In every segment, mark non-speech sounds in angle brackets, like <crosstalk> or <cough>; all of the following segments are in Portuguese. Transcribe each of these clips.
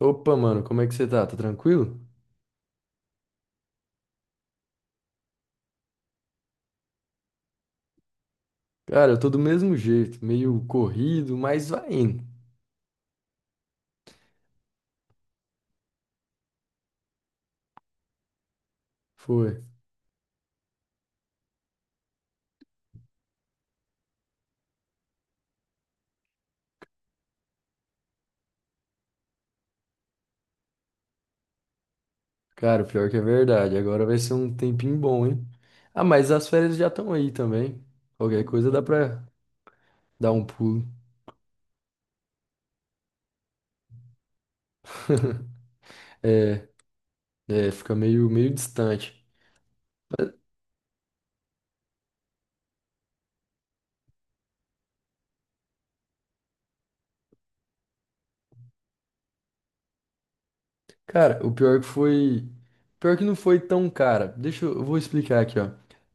Opa, mano, como é que você tá? Tá tranquilo? Cara, eu tô do mesmo jeito, meio corrido, mas vai indo. Foi. Cara, o pior que é verdade, agora vai ser um tempinho bom, hein? Ah, mas as férias já estão aí também. Qualquer coisa dá pra dar um pulo. <laughs> É, fica meio distante. Cara, o pior que foi. Pior que não foi tão cara. Eu vou explicar aqui, ó.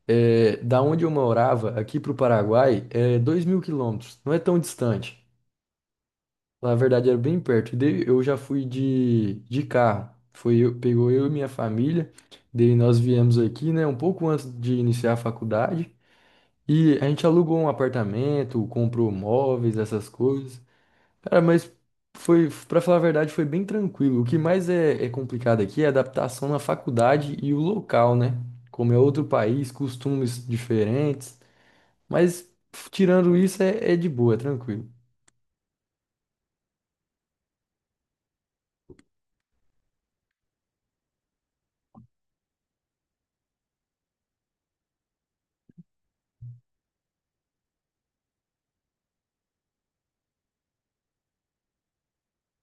É, da onde eu morava, aqui pro Paraguai, é 2000 quilômetros. Não é tão distante. Na verdade, era bem perto. Daí eu já fui de carro. Foi eu, pegou eu e minha família. Daí nós viemos aqui, né, um pouco antes de iniciar a faculdade. E a gente alugou um apartamento, comprou móveis, essas coisas. Cara, mas foi, para falar a verdade, foi bem tranquilo. O que mais é complicado aqui é a adaptação na faculdade e o local, né? Como é outro país, costumes diferentes. Mas tirando isso, é de boa, é tranquilo.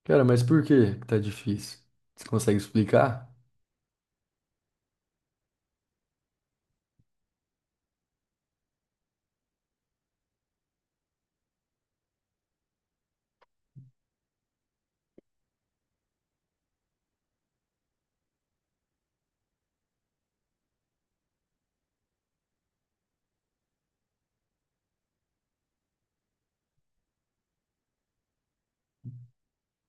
Cara, mas por que que tá difícil? Você consegue explicar?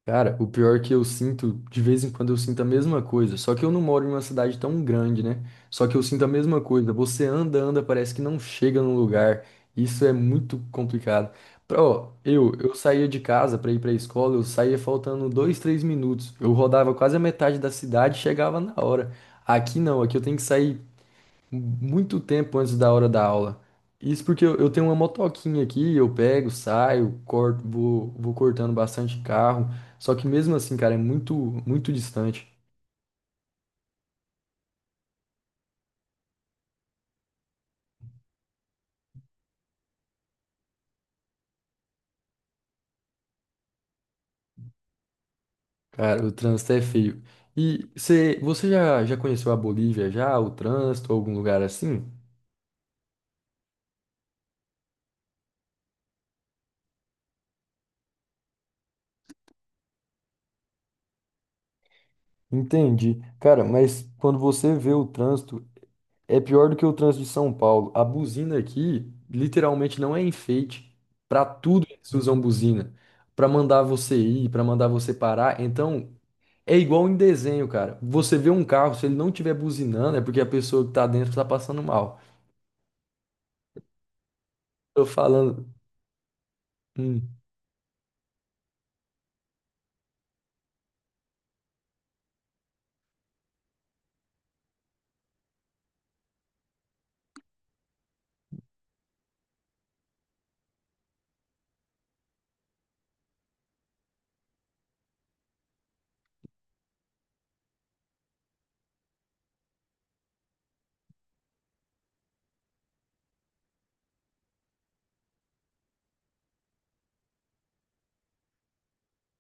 Cara, o pior é que eu sinto, de vez em quando eu sinto a mesma coisa, só que eu não moro em uma cidade tão grande, né? Só que eu sinto a mesma coisa. Você anda, anda, parece que não chega no lugar. Isso é muito complicado. Pra, ó, eu saía de casa pra ir pra escola, eu saía faltando 2, 3 minutos. Eu rodava quase a metade da cidade e chegava na hora. Aqui não, aqui eu tenho que sair muito tempo antes da hora da aula. Isso porque eu tenho uma motoquinha aqui, eu pego, saio, corto, vou cortando bastante carro. Só que mesmo assim, cara, é muito, muito distante. Cara, o trânsito é feio. E cê, você já conheceu a Bolívia já, o trânsito, algum lugar assim? Entendi. Cara, mas quando você vê o trânsito, é pior do que o trânsito de São Paulo. A buzina aqui literalmente não é enfeite. Para tudo eles usam buzina. Para mandar você ir, para mandar você parar. Então, é igual em desenho, cara. Você vê um carro, se ele não tiver buzinando, é porque a pessoa que tá dentro tá passando mal. Tô falando. Hum,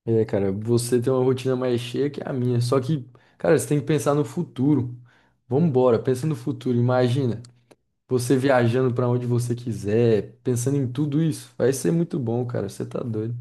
é, cara, você tem uma rotina mais cheia que a minha. Só que, cara, você tem que pensar no futuro. Vambora, pensa no futuro. Imagina. Você viajando pra onde você quiser, pensando em tudo isso, vai ser muito bom, cara. Você tá doido.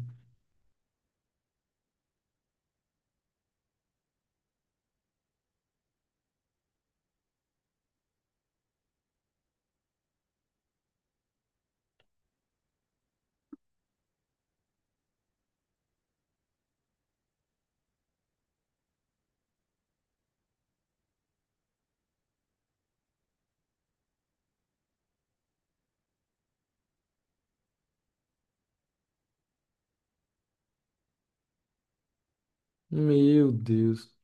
Meu Deus.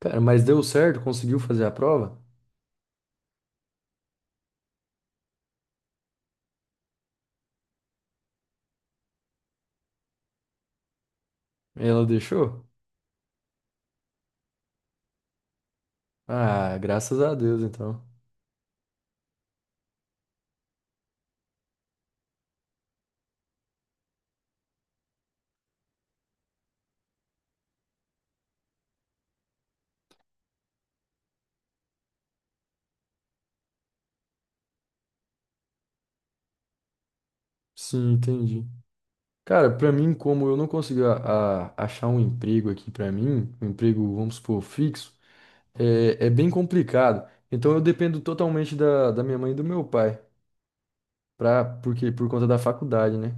Cara, mas deu certo? Conseguiu fazer a prova? Ela deixou? Ah, graças a Deus, então. Sim, entendi. Cara, pra mim, como eu não consegui achar um emprego aqui pra mim, um emprego, vamos supor, fixo, é bem complicado. Então eu dependo totalmente da minha mãe e do meu pai, pra, porque, por conta da faculdade, né?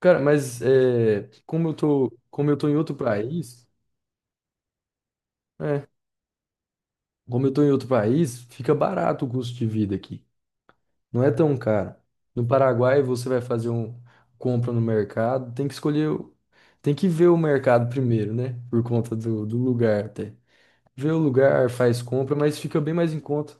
Cara, mas é, como eu tô em outro país, é, como eu tô em outro país, fica barato o custo de vida aqui. Não é tão caro. No Paraguai você vai fazer um compra no mercado, tem que escolher, tem que ver o mercado primeiro, né? Por conta do lugar até. Vê o lugar, faz compra, mas fica bem mais em conta.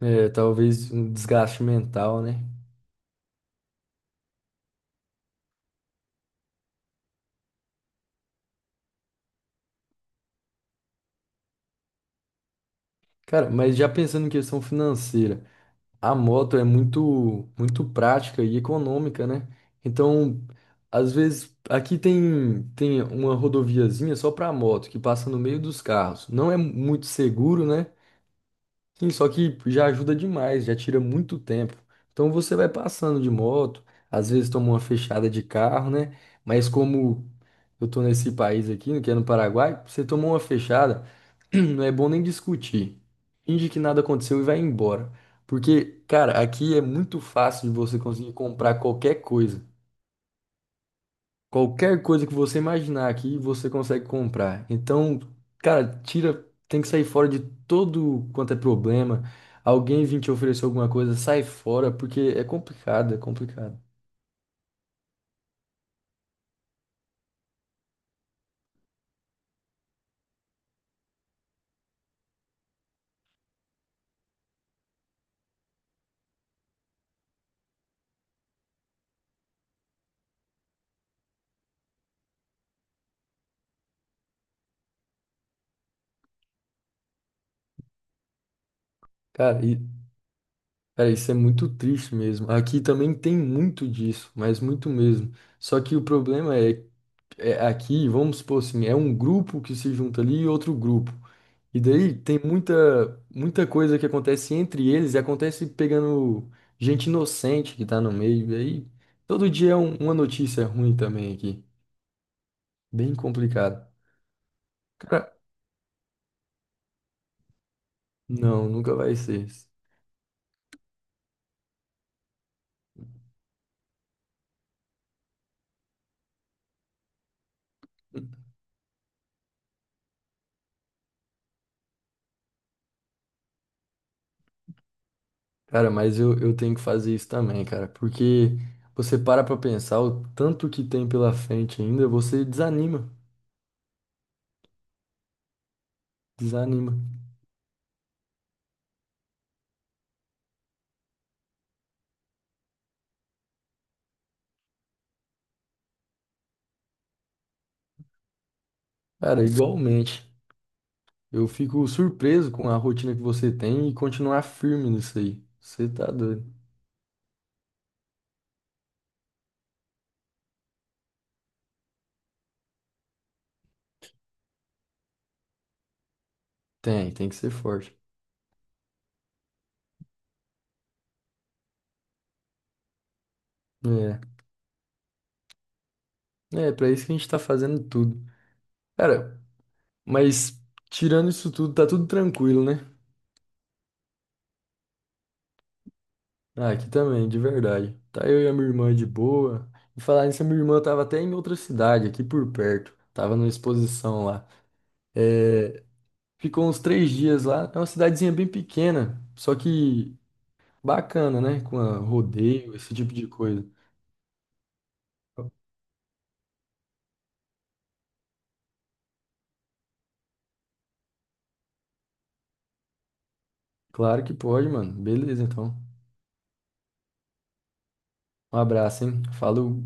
É, talvez um desgaste mental, né? Cara, mas já pensando em questão financeira. A moto é muito, muito prática e econômica, né? Então, às vezes, aqui tem uma rodoviazinha só para moto, que passa no meio dos carros. Não é muito seguro, né? Sim, só que já ajuda demais, já tira muito tempo. Então, você vai passando de moto, às vezes toma uma fechada de carro, né? Mas como eu tô nesse país aqui, que é no Paraguai, você tomou uma fechada. <clears throat> Não é bom nem discutir. Finge que nada aconteceu e vai embora. Porque, cara, aqui é muito fácil de você conseguir comprar qualquer coisa. Qualquer coisa que você imaginar aqui, você consegue comprar. Então, cara, tira, tem que sair fora de todo quanto é problema. Alguém vir te oferecer alguma coisa, sai fora, porque é complicado, é complicado. Cara, e, cara, isso é muito triste mesmo. Aqui também tem muito disso, mas muito mesmo. Só que o problema é, aqui, vamos supor assim, é um grupo que se junta ali e outro grupo. E daí tem muita coisa que acontece entre eles e acontece pegando gente inocente que tá no meio. E aí todo dia é uma notícia ruim também aqui. Bem complicado. Cara, não, nunca vai ser. Cara, mas eu tenho que fazer isso também, cara, porque você para pra pensar o tanto que tem pela frente ainda, você desanima, desanima. Cara, igualmente. Eu fico surpreso com a rotina que você tem e continuar firme nisso aí. Você tá doido. Tem que ser forte. É, é pra isso que a gente tá fazendo tudo. Cara, mas tirando isso tudo, tá tudo tranquilo, né? Ah, aqui também, de verdade. Tá eu e a minha irmã de boa. E falar nisso, a minha irmã tava até em outra cidade, aqui por perto. Tava numa exposição lá. Ficou uns 3 dias lá. É uma cidadezinha bem pequena, só que bacana, né? Com a rodeio, esse tipo de coisa. Claro que pode, mano. Beleza, então. Um abraço, hein? Falou.